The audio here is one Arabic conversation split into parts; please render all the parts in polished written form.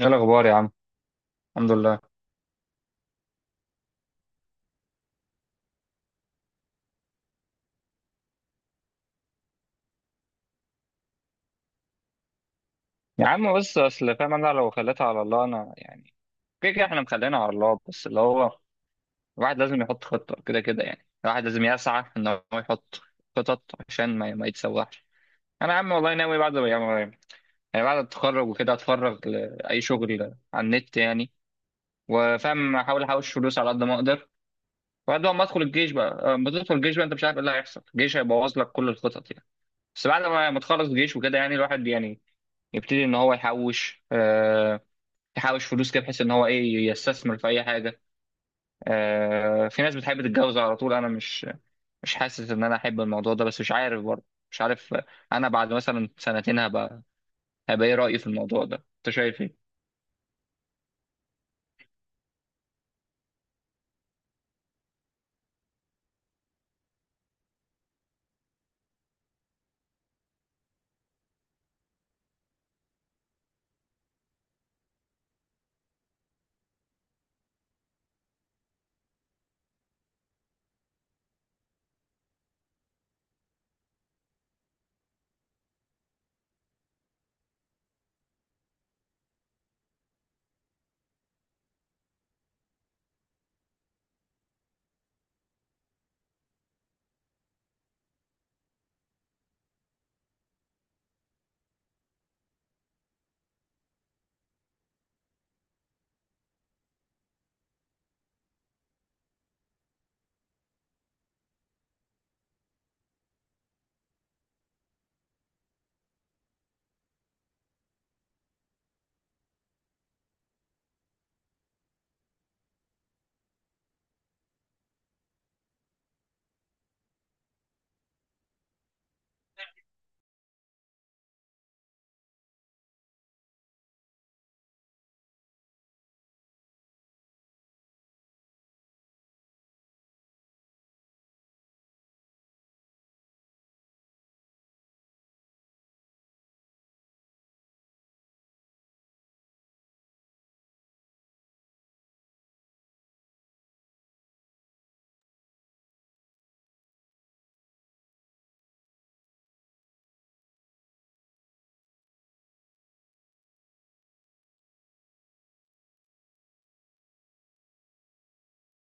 ايه الاخبار يا عم؟ الحمد لله. يا عم بس اصل فاهم، انا لو خليتها على الله انا يعني كده كده احنا مخلينا على الله، بس اللي هو الواحد لازم يحط خطه كده كده، يعني الواحد لازم يسعى ان هو يحط خطط عشان ما يتسوحش. انا يا عم والله ناوي بعد، يعني بعد التخرج وكده اتفرغ لاي شغل على النت يعني، وفاهم احاول احوش فلوس على قد ما اقدر. وبعد ما ادخل الجيش بقى، ما تدخل الجيش بقى انت مش عارف ايه اللي هيحصل، الجيش هيبوظ لك كل الخطط يعني. بس بعد ما تخلص الجيش وكده يعني الواحد يعني يبتدي ان هو يحوش فلوس كده، بحيث ان هو ايه يستثمر في اي حاجه. في ناس بتحب تتجوز على طول، انا مش حاسس ان انا احب الموضوع ده، بس مش عارف برضه مش عارف. انا بعد مثلا 2 سنين هبقى ايه رايي في الموضوع ده، انت شايف ايه؟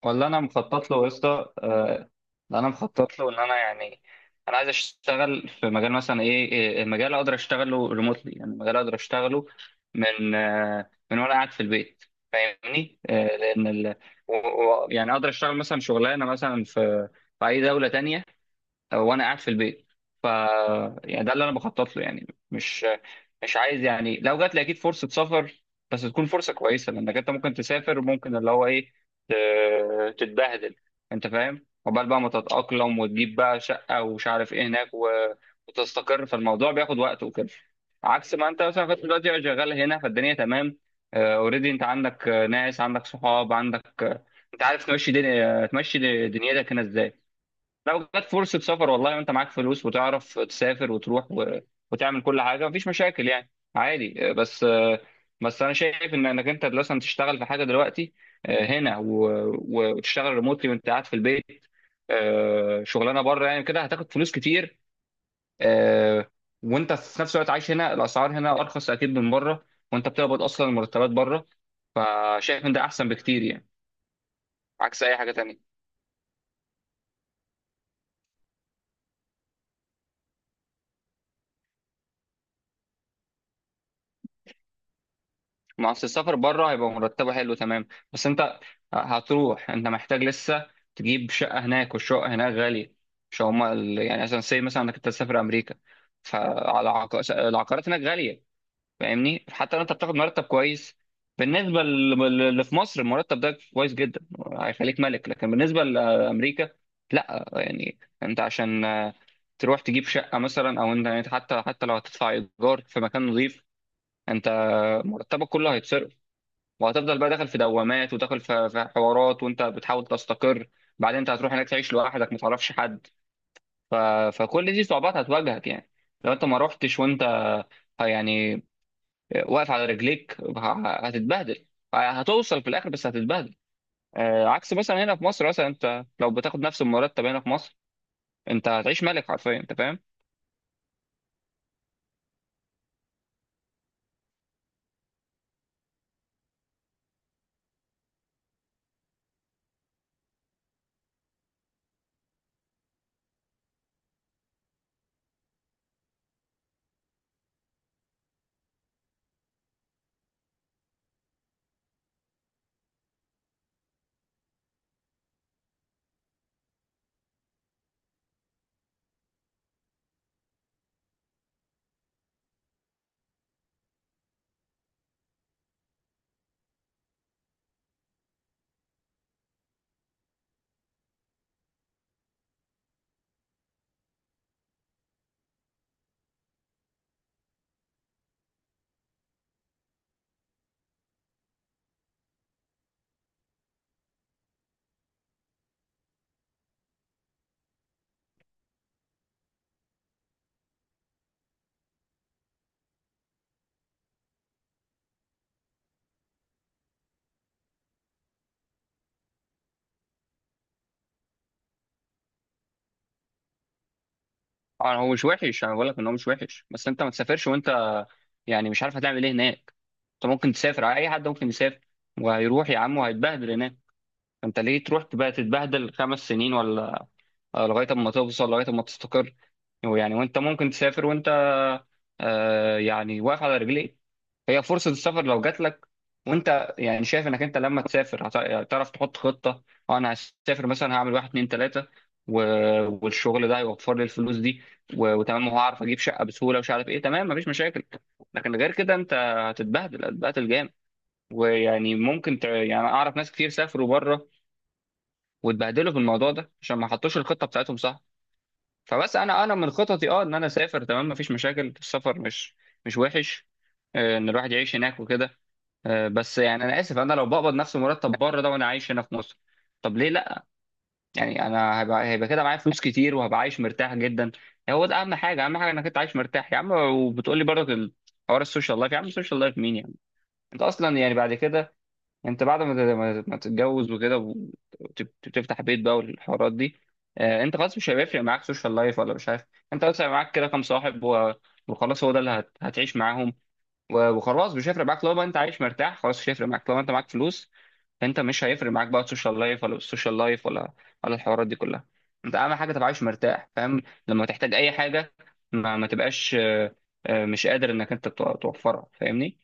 والله انا مخطط له يا اسطى. انا مخطط له ان انا يعني انا عايز اشتغل في مجال مثلا ايه المجال اقدر اشتغله ريموتلي، يعني المجال اقدر اشتغله من وانا قاعد في البيت. فاهمني. لان يعني اقدر اشتغل مثلا شغلانه مثلا في اي دوله تانية وانا قاعد في البيت، ف يعني ده اللي انا بخطط له يعني مش عايز، يعني لو جات لي اكيد فرصه سفر. بس تكون فرصه كويسه، لانك انت ممكن تسافر وممكن اللي هو ايه تتبهدل. انت فاهم، عقبال بقى ما تتاقلم وتجيب بقى شقه ومش عارف ايه هناك، وتستقر، فالموضوع بياخد وقت وكده. عكس ما انت مثلا كنت دلوقتي شغال هنا، فالدنيا تمام اوريدي، انت عندك ناس، عندك صحاب، عندك. انت عارف تمشي دنيتك هنا ازاي. لو جت فرصة سفر، والله وانت معاك فلوس وتعرف تسافر وتروح وتعمل كل حاجة، مفيش مشاكل يعني، عادي. بس انا شايف ان انك انت مثلا تشتغل في حاجة دلوقتي هنا وتشتغل ريموتلي وانت قاعد في البيت، شغلانة بره يعني، كده هتاخد فلوس كتير آه، وانت في نفس الوقت عايش هنا، الاسعار هنا ارخص اكيد من بره، وانت بتقبض اصلا المرتبات بره، فشايف ان ده احسن بكتير يعني، عكس اي حاجة تانية. ما اصل السفر بره هيبقى مرتبه حلو تمام، بس انت هتروح انت محتاج لسه تجيب شقه هناك، والشقه هناك غاليه. مش هما يعني مثلا سي، مثلا انك انت تسافر امريكا، فعلى العقارات هناك غاليه. فاهمني، حتى لو انت بتاخد مرتب كويس، بالنسبه اللي في مصر المرتب ده كويس جدا، هيخليك ملك، لكن بالنسبه لامريكا لا يعني. انت عشان تروح تجيب شقه مثلا، او انت يعني حتى لو هتدفع ايجار في مكان نظيف، انت مرتبك كله هيتصرف، وهتفضل بقى داخل في دوامات، وداخل في حوارات وانت بتحاول تستقر. بعدين انت هتروح هناك تعيش لوحدك ما تعرفش حد، ف... فكل دي صعوبات هتواجهك يعني. لو انت ما رحتش وانت يعني واقف على رجليك هتتبهدل. هتوصل في الاخر بس هتتبهدل. عكس مثلا هنا في مصر، مثلا انت لو بتاخد نفس المرتب هنا في مصر انت هتعيش ملك حرفيا، انت فاهم. اه، هو مش وحش. انا بقول لك ان هو مش وحش، بس انت ما تسافرش وانت يعني مش عارف هتعمل ايه هناك. انت ممكن تسافر، اي حد ممكن يسافر وهيروح يا عم وهيتبهدل هناك. انت ليه تروح تبقى تتبهدل 5 سنين ولا لغايه اما توصل لغايه اما تستقر يعني. وانت ممكن تسافر وانت يعني واقف على رجليك. هي فرصه السفر لو جات لك وانت يعني شايف انك انت لما تسافر هتعرف تحط خطه، اه انا هسافر مثلا، هعمل واحد اتنين تلاته، و... والشغل ده هيوفر لي الفلوس دي، وتمام، وهعرف اجيب شقه بسهوله ومش عارف ايه، تمام مفيش مشاكل. لكن غير كده انت هتتبهدل جامد، ويعني ممكن يعني اعرف ناس كتير سافروا بره واتبهدلوا في الموضوع ده عشان ما حطوش الخطه بتاعتهم صح. فبس انا من خططي ان انا اسافر تمام مفيش مشاكل، السفر مش وحش، ان الواحد يعيش هناك وكده. بس يعني انا اسف، انا لو بقبض نفس المرتب بره ده وانا عايش هنا في مصر، طب ليه لا؟ يعني انا هيبقى كده معايا فلوس كتير، وهبقى عايش مرتاح جدا. هو ده اهم حاجه، اهم حاجه انك انت عايش مرتاح يا عم. وبتقول لي برضه حوار السوشيال لايف، يا عم السوشيال لايف مين يعني؟ انت اصلا يعني بعد كده، انت بعد ما ما تتجوز وكده وتفتح بيت بقى والحوارات دي، انت خلاص مش هيفرق معاك سوشيال لايف ولا مش عارف. انت بس هيبقى معاك كده كام صاحب، وخلاص هو ده اللي هتعيش معاهم، وخلاص مش هيفرق معاك لو انت عايش مرتاح، خلاص مش هيفرق معاك لو انت معاك فلوس. انت مش هيفرق معاك بقى السوشيال لايف، ولا السوشيال لايف، ولا الحوارات دي كلها. انت اهم حاجه تبقى عايش مرتاح، فاهم. لما تحتاج اي حاجه ما تبقاش مش قادر انك انت توفرها، فاهمني.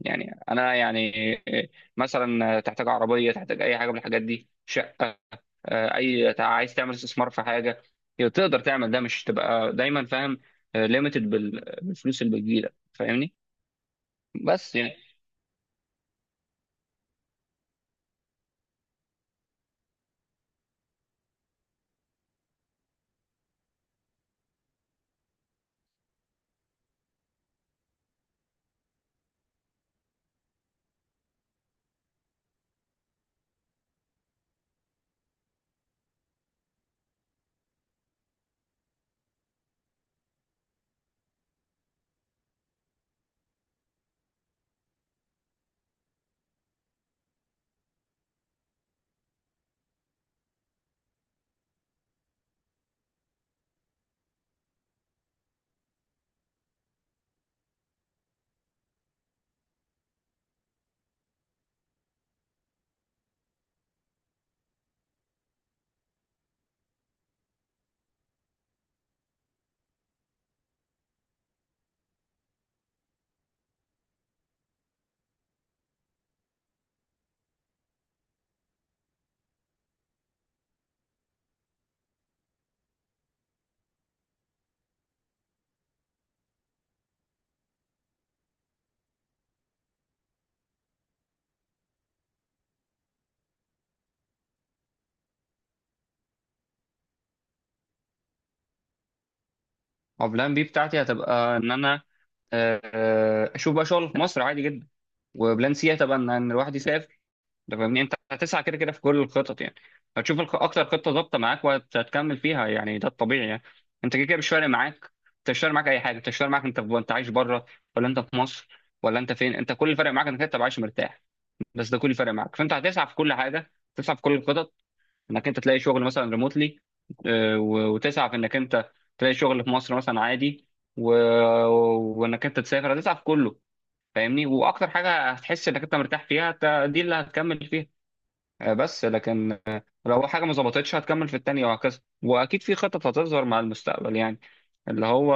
يعني انا يعني، مثلا تحتاج عربيه، تحتاج اي حاجه من الحاجات دي، شقه، عايز تعمل استثمار في حاجه، تقدر تعمل ده، مش تبقى دايما فاهم ليميتد بالفلوس اللي بتجيلك، فاهمني. بس يعني هو بلان بي بتاعتي هتبقى ان انا اشوف بقى شغل في مصر عادي جدا. وبلان سي هتبقى ان الواحد يسافر. ده فاهمني، انت هتسعى كده كده في كل الخطط يعني، هتشوف اكتر خطه ظابطه معاك وهتكمل فيها يعني، ده الطبيعي يعني. انت كده كده مش فارق معاك. انت مش فارق معاك اي حاجه، انت مش فارق معاك انت عايش بره ولا انت في مصر ولا انت فين، انت كل اللي فارق معاك انك انت تبقى عايش مرتاح. بس ده كل اللي فارق معاك، فانت هتسعى في كل حاجه، تسعى في كل الخطط، انك انت تلاقي شغل مثلا ريموتلي، وتسعى في انك انت تلاقي شغل في مصر مثلا عادي، و... وانك انت تسافر، هتسعى في كله. فاهمني، واكتر حاجه هتحس انك انت مرتاح فيها دي اللي هتكمل فيها. بس لكن لو حاجه ما ظبطتش هتكمل في التانيه وهكذا، واكيد في خطط هتظهر مع المستقبل يعني، اللي هو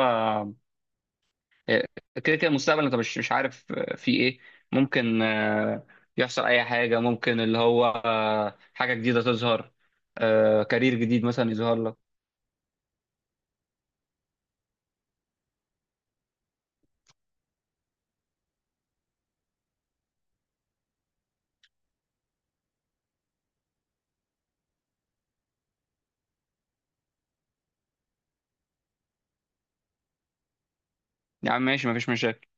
آه، كده كده المستقبل انت مش عارف في ايه. ممكن يحصل اي حاجه، ممكن اللي هو حاجه جديده تظهر، كارير جديد مثلا يظهر لك. يا عم ماشي مفيش مشاكل.